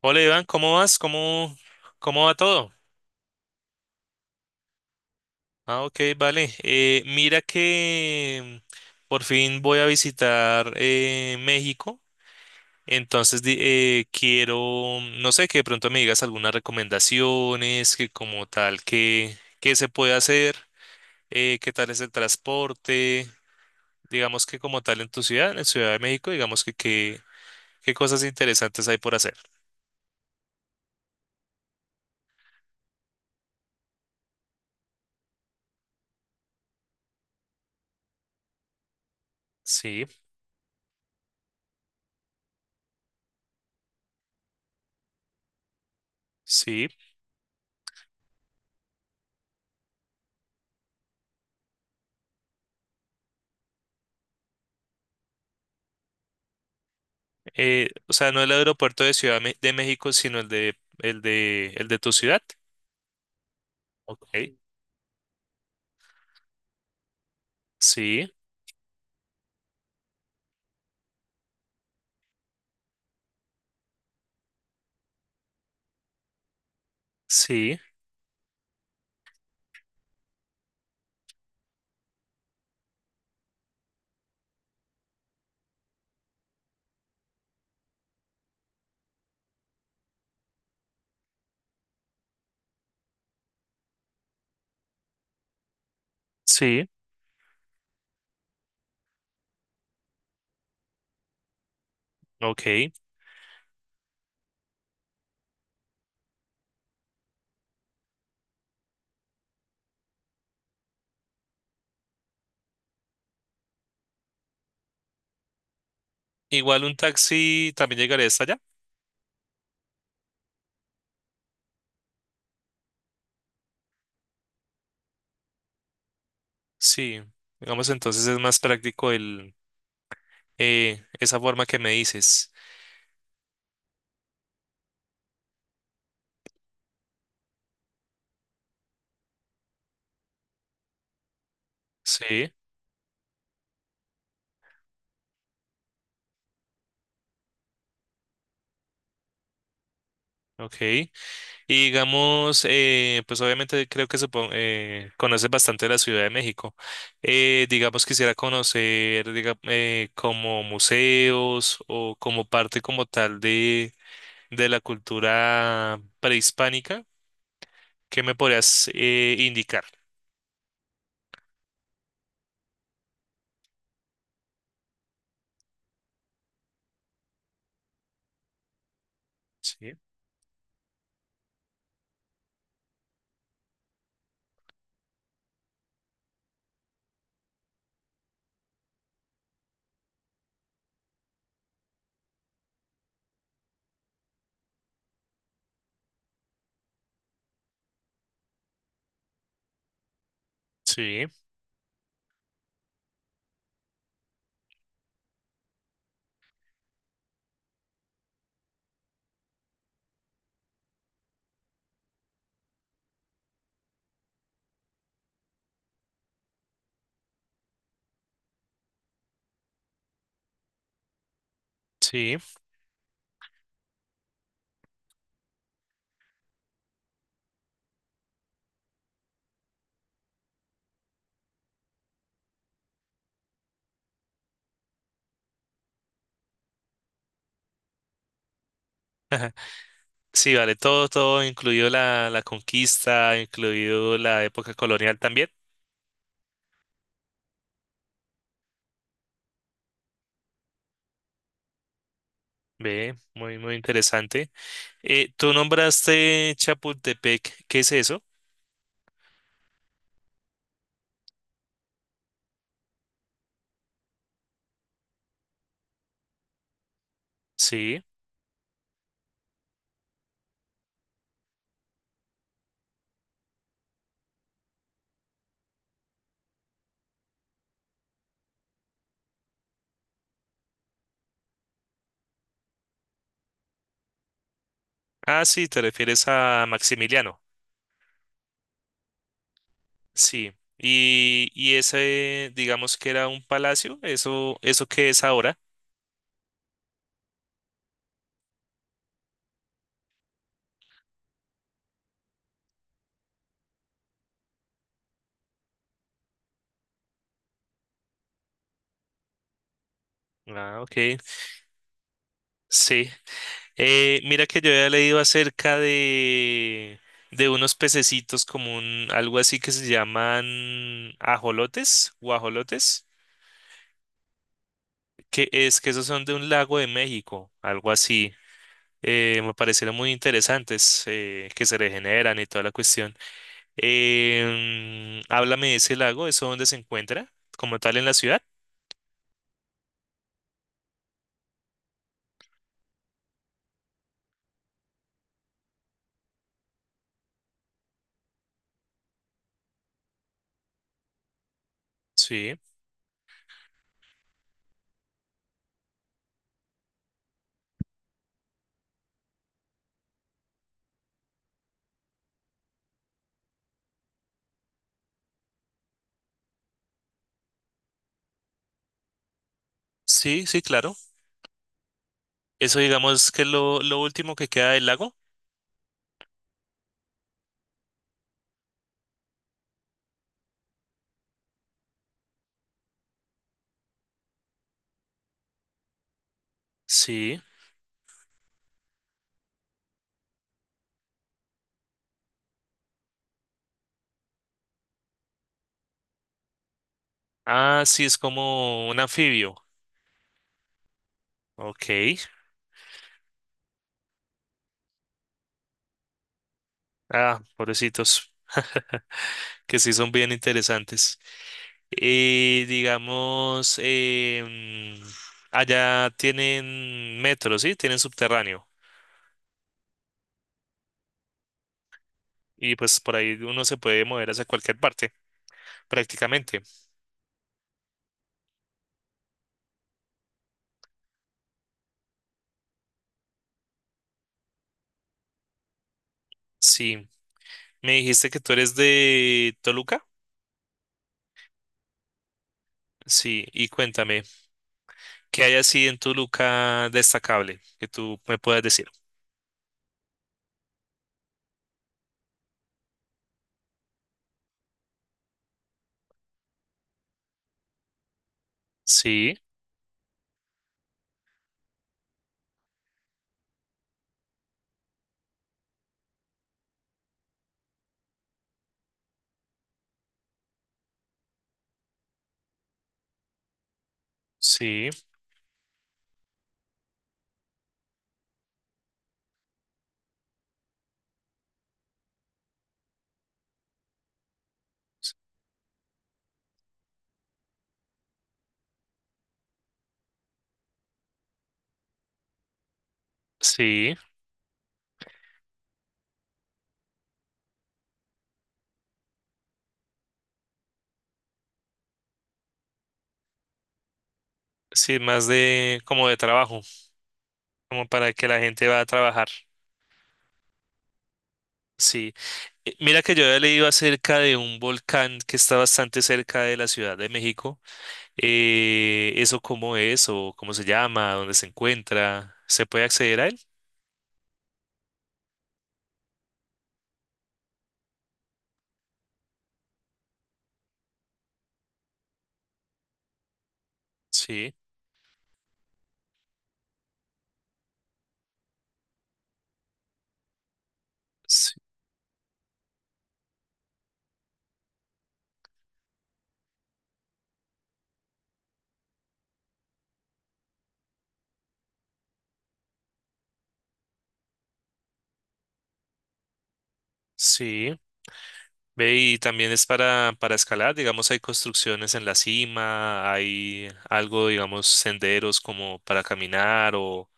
Hola Iván, ¿cómo vas? ¿Cómo va todo? Ah, ok, vale. Mira que por fin voy a visitar México, entonces quiero, no sé, que de pronto me digas algunas recomendaciones, que como tal, qué se puede hacer, qué tal es el transporte, digamos que como tal en tu ciudad, en Ciudad de México, digamos que qué cosas interesantes hay por hacer. Sí, sí. O sea, no el aeropuerto de de México, sino el de tu ciudad. Ok. Sí, sí, sí. Ok. Igual un taxi también llegaría hasta allá. Sí. Digamos, entonces es más práctico el, esa forma que me dices. Sí. Ok. Y digamos, pues obviamente creo que conoces bastante la Ciudad de México. Digamos, quisiera conocer como museos o como parte como tal de la cultura prehispánica. ¿Qué me podrías indicar? Sí, sí, sí. Sí, vale, todo, todo, incluido la, la conquista, incluido la época colonial también. Ve, muy, muy interesante. Tú nombraste Chapultepec, ¿qué es eso? Sí. Ah, sí, te refieres a Maximiliano. Sí. Y ese, digamos que era un palacio, eso que es ahora. Ah, ok. Sí. Mira que yo había leído acerca de unos pececitos como un, algo así que se llaman ajolotes, guajolotes, que es que esos son de un lago de México, algo así. Me parecieron muy interesantes, que se regeneran y toda la cuestión. Háblame de ese lago, ¿eso dónde se encuentra? ¿Como tal en la ciudad? Sí, sí, sí, claro. Eso digamos que es lo último que queda del lago. Sí. Ah, sí, es como un anfibio. Ok. Ah, pobrecitos. Que sí son bien interesantes. Digamos, allá tienen metro, ¿sí? Tienen subterráneo. Y pues por ahí uno se puede mover hacia cualquier parte, prácticamente. Sí. Me dijiste que tú eres de Toluca. Sí, y cuéntame, ¿qué hay así en Toluca destacable que tú me puedas decir? Sí, sí, sí, sí, más de como de trabajo, como para que la gente va a trabajar. Sí. Mira que yo había leído acerca de un volcán que está bastante cerca de la Ciudad de México. ¿Eso cómo es o cómo se llama? ¿Dónde se encuentra? ¿Se puede acceder a él? Sí, sí, sí. Ve, y también es para escalar, digamos, hay construcciones en la cima, hay algo, digamos, senderos como para caminar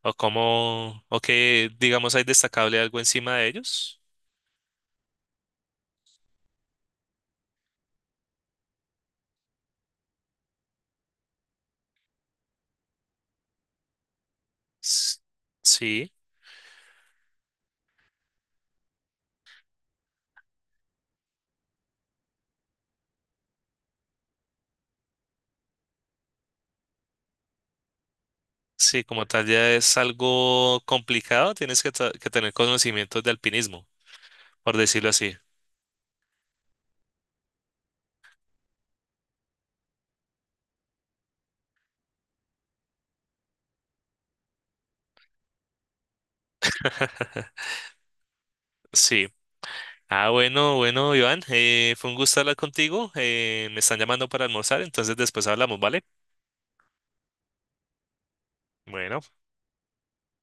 o como, o que, digamos, hay destacable algo encima de ellos. S- Sí, sí, como tal ya es algo complicado, tienes que, que tener conocimientos de alpinismo, por decirlo así. Sí. Ah, bueno, bueno, Iván, fue un gusto hablar contigo, me están llamando para almorzar, entonces después hablamos, ¿vale? Bueno.